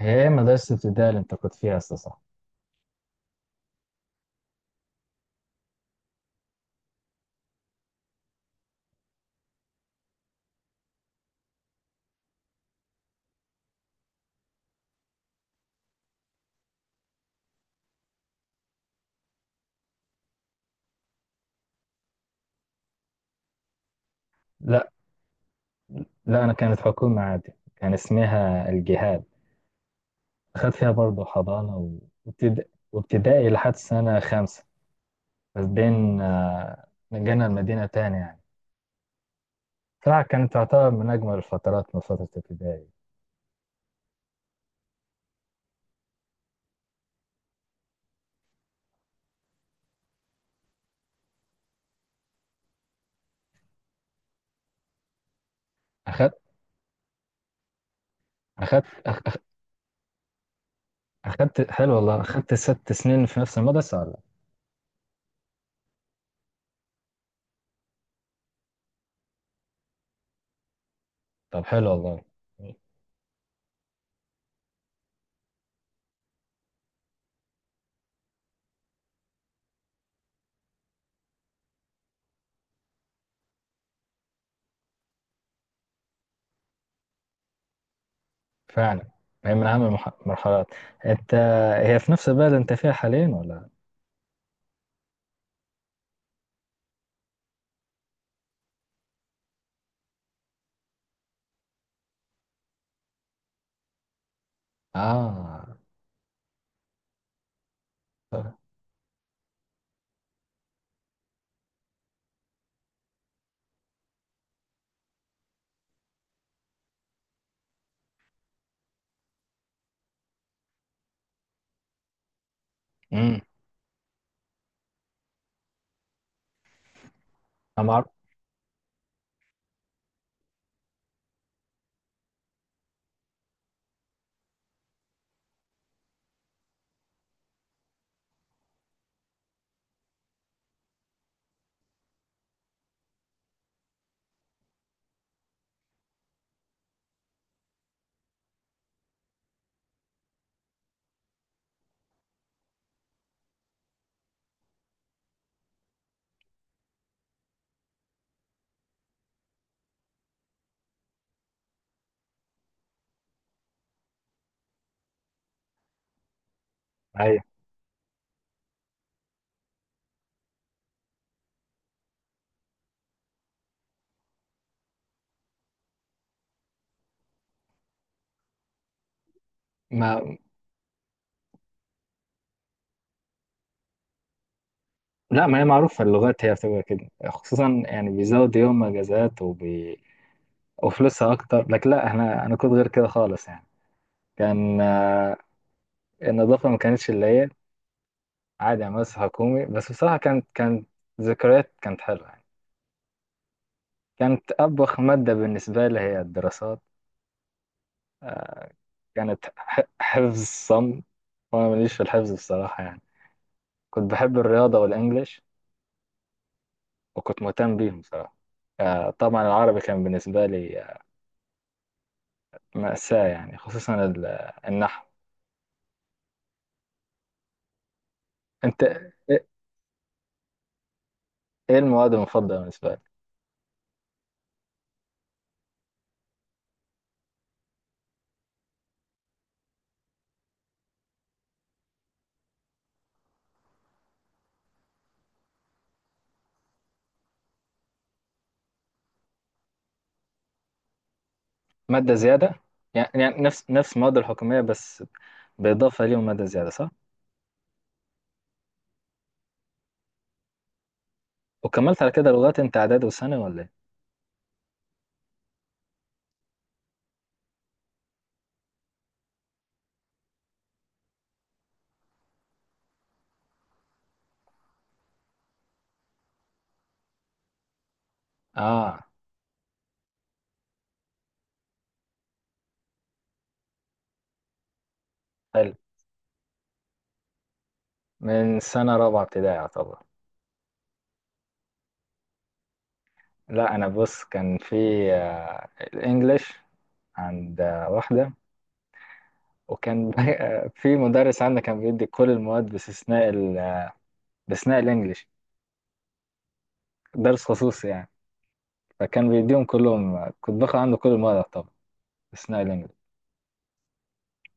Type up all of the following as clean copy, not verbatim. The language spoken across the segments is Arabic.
هي مدرسة ابتدائي اللي أنت كنت فيها أساسا صح؟ لا، لا، أنا كانت حكومة عادي، كان اسمها الجهاد. أخدت فيها برضه حضانة وابتدا- وابتدائي لحد سنة خامسة. بس بين نقلنا المدينة تاني يعني. صراحة كانت تعتبر من أجمل الفترات، من فترة ابتدائي. أخدت أخدت أخ- أخدت حلو والله، أخدت 6 سنين في نفس المدرسة ولا؟ طب حلو والله. فعلا، هي من أهم المرحلات. أنت هي في نفس البلد أنت فيها حاليا ولا؟ آه. امم. انا معروف. ايوه. ما لا، ما هي معروفه، اللغات هي بتبقى كده، خصوصا يعني بيزود يوم اجازات وفلوسها اكتر. لكن لا، انا كنت غير كده خالص يعني. كان النظافه ما كانتش اللي هي عادي، يعني مدرسه حكومي. بس بصراحه كانت ذكريات، كانت حلوه يعني. كانت ابخ ماده بالنسبه لي هي الدراسات، كانت حفظ صم، وانا ماليش في الحفظ بصراحه يعني. كنت بحب الرياضه والانجليش، وكنت مهتم بيهم بصراحه. طبعا العربي كان بالنسبة لي مأساة يعني، خصوصا النحو. انت ايه؟ إيه المواد المفضلة بالنسبة لك؟ مادة زيادة يعني، نفس المواد الحكومية، بس بإضافة ليهم مادة زيادة، صح؟ وكملت على كده لغات انت إعدادي وثانوي ولا ايه؟ اه حلو. من سنة رابعة ابتدائي يعتبر. لا، انا بص، كان في الانجليش عند واحدة. وكان في مدرس عندنا كان بيدي كل المواد باستثناء باستثناء الانجليش، درس خصوصي يعني. فكان بيديهم كلهم، كنت باخد عنده كل المواد طبعا اثناء الانجليزي.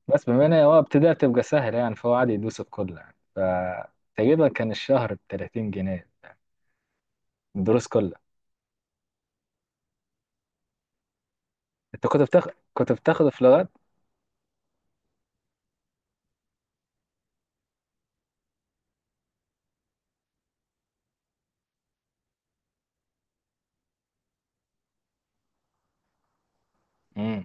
بس بما ان هو ابتدى تبقى سهله يعني، فهو عادي يدوس الكل يعني. فتقريبا كان الشهر ب 30 جنيه، الدروس كلها. انت كنت بتاخده في لغات؟ امم.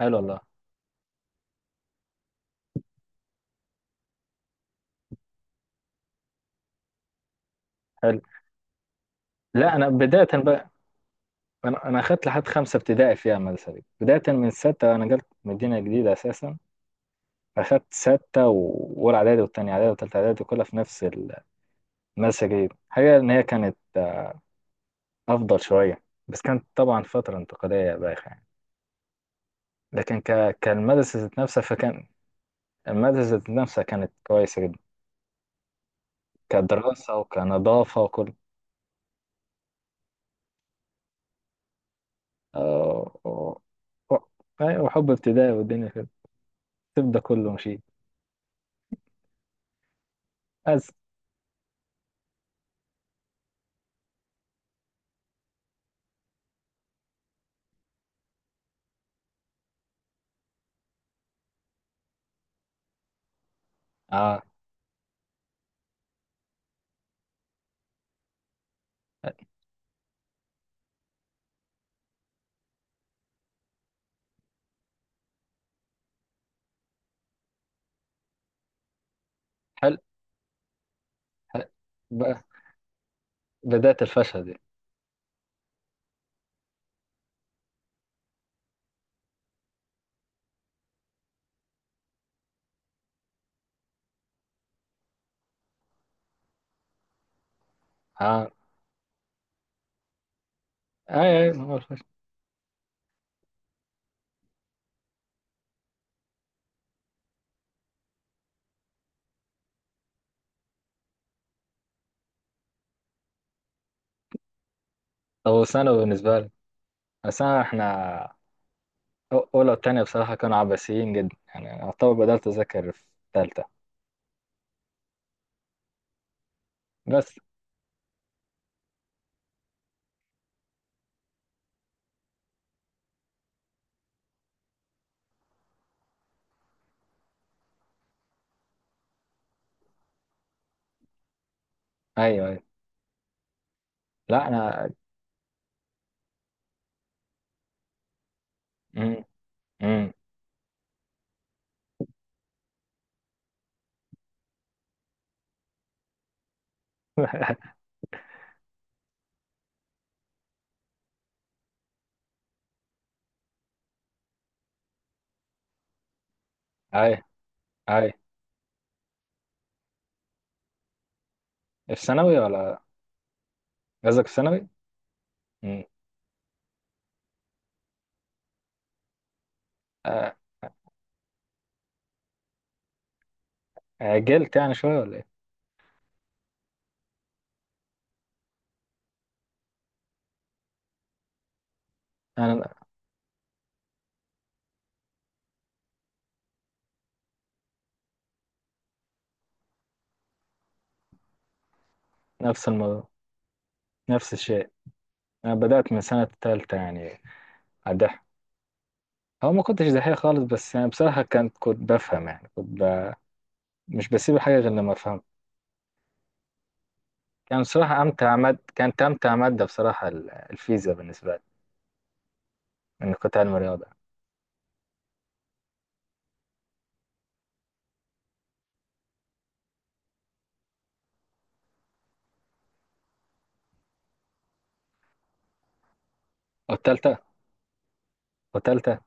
حلو والله. حلو. لا، انا بدايه بقى، انا اخدت لحد خمسه ابتدائي فيها المدرسه دي، بدايه من سته انا جبت مدينه جديده اساسا. اخدت سته واولى اعدادي والتانية اعدادي والتالتة اعدادي كلها في نفس المدرسه الجديده. حاجه ان هي كانت افضل شويه، بس كانت طبعا فتره انتقاليه بايخه يعني. لكن كالمدرسة ذات نفسها، فكان المادة ذات نفسها كانت كويسة جدا، كدراسة وكنظافة وكل. آه، و- و- أيوة، وحب ابتدائي والدنيا كده، الطب ده كله مشي. بس اه، حل, حل. ب- بداية الفشل دي. اه، اي هو الفشل. طب وثانوي بالنسبة لي، الثانوي احنا أولى وتانية بصراحة كانوا عباسيين جدا يعني، أعتبر بدأت أذاكر في تالتة. بس أيوه، أيوه. لا، أنا. مم. مم. أي، أي. في ثانوي ولا؟ قصدك في ثانوي؟ مم. آه، عجلت يعني شوية ولا إيه؟ أنا نفس الموضوع، نفس الشيء، أنا بدأت من سنة تالتة يعني. أدح هو ما كنتش دحيح خالص، بس يعني بصراحة كنت بفهم يعني، مش بسيب حاجة غير لما أفهم. يعني بصراحة أمتع مادة، بصراحة الفيزياء بالنسبة لي، إني كنت علم رياضة. والتالتة والتالتة.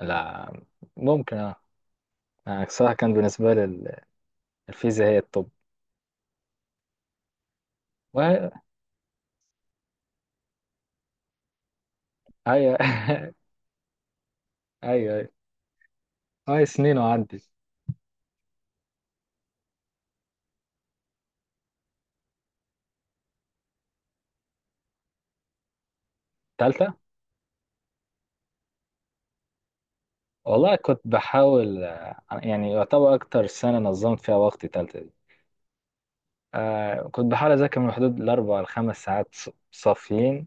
لا، ممكن أه، يعني بصراحة كان بالنسبة لي الفيزياء هي الطب. وهي هي أيوه، أيوه، هاي سنين وعدت. تالتة والله، كنت بحاول يعني يعتبر أكتر سنة نظمت فيها وقتي تالتة دي. كنت بحاول أذاكر من حدود الأربع لخمس ساعات صافيين.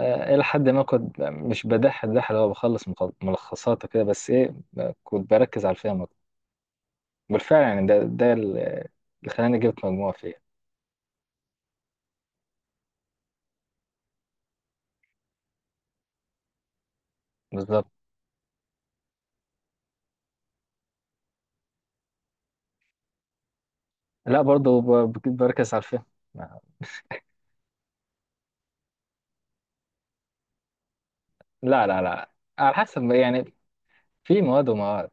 إلى حد ما كنت مش بدح الدح اللي هو بخلص ملخصات وكده، بس إيه، كنت بركز على الفهم أكتر بالفعل. يعني اللي خلاني جبت مجموعة فيها. بالظبط. لا، برضه بركز على الفهم. لا، لا، لا، على حسب يعني، في مواد ومواد.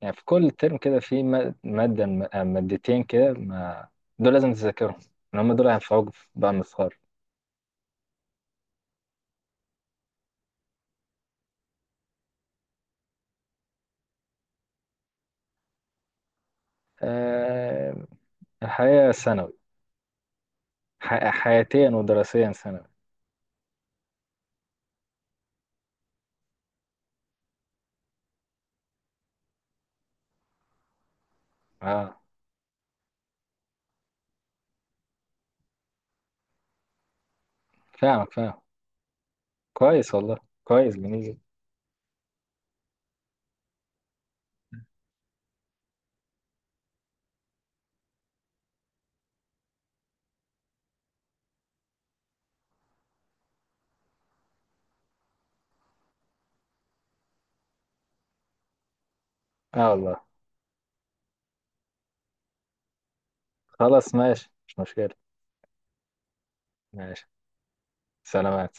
يعني في كل ترم كده في م- مادة م- آه، مادتين كده، ما دول لازم تذاكرهم، لأن هم دول هينفعوك بقى لما تتخرج. آه، الحياة ثانوي، حياتيا ودراسيا ثانوي. اه، فاهمك، فاهم. كويس والله، كويس. جميل جدا. اه والله، خلاص ماشي، مش مشكلة. ماشي. سلامات.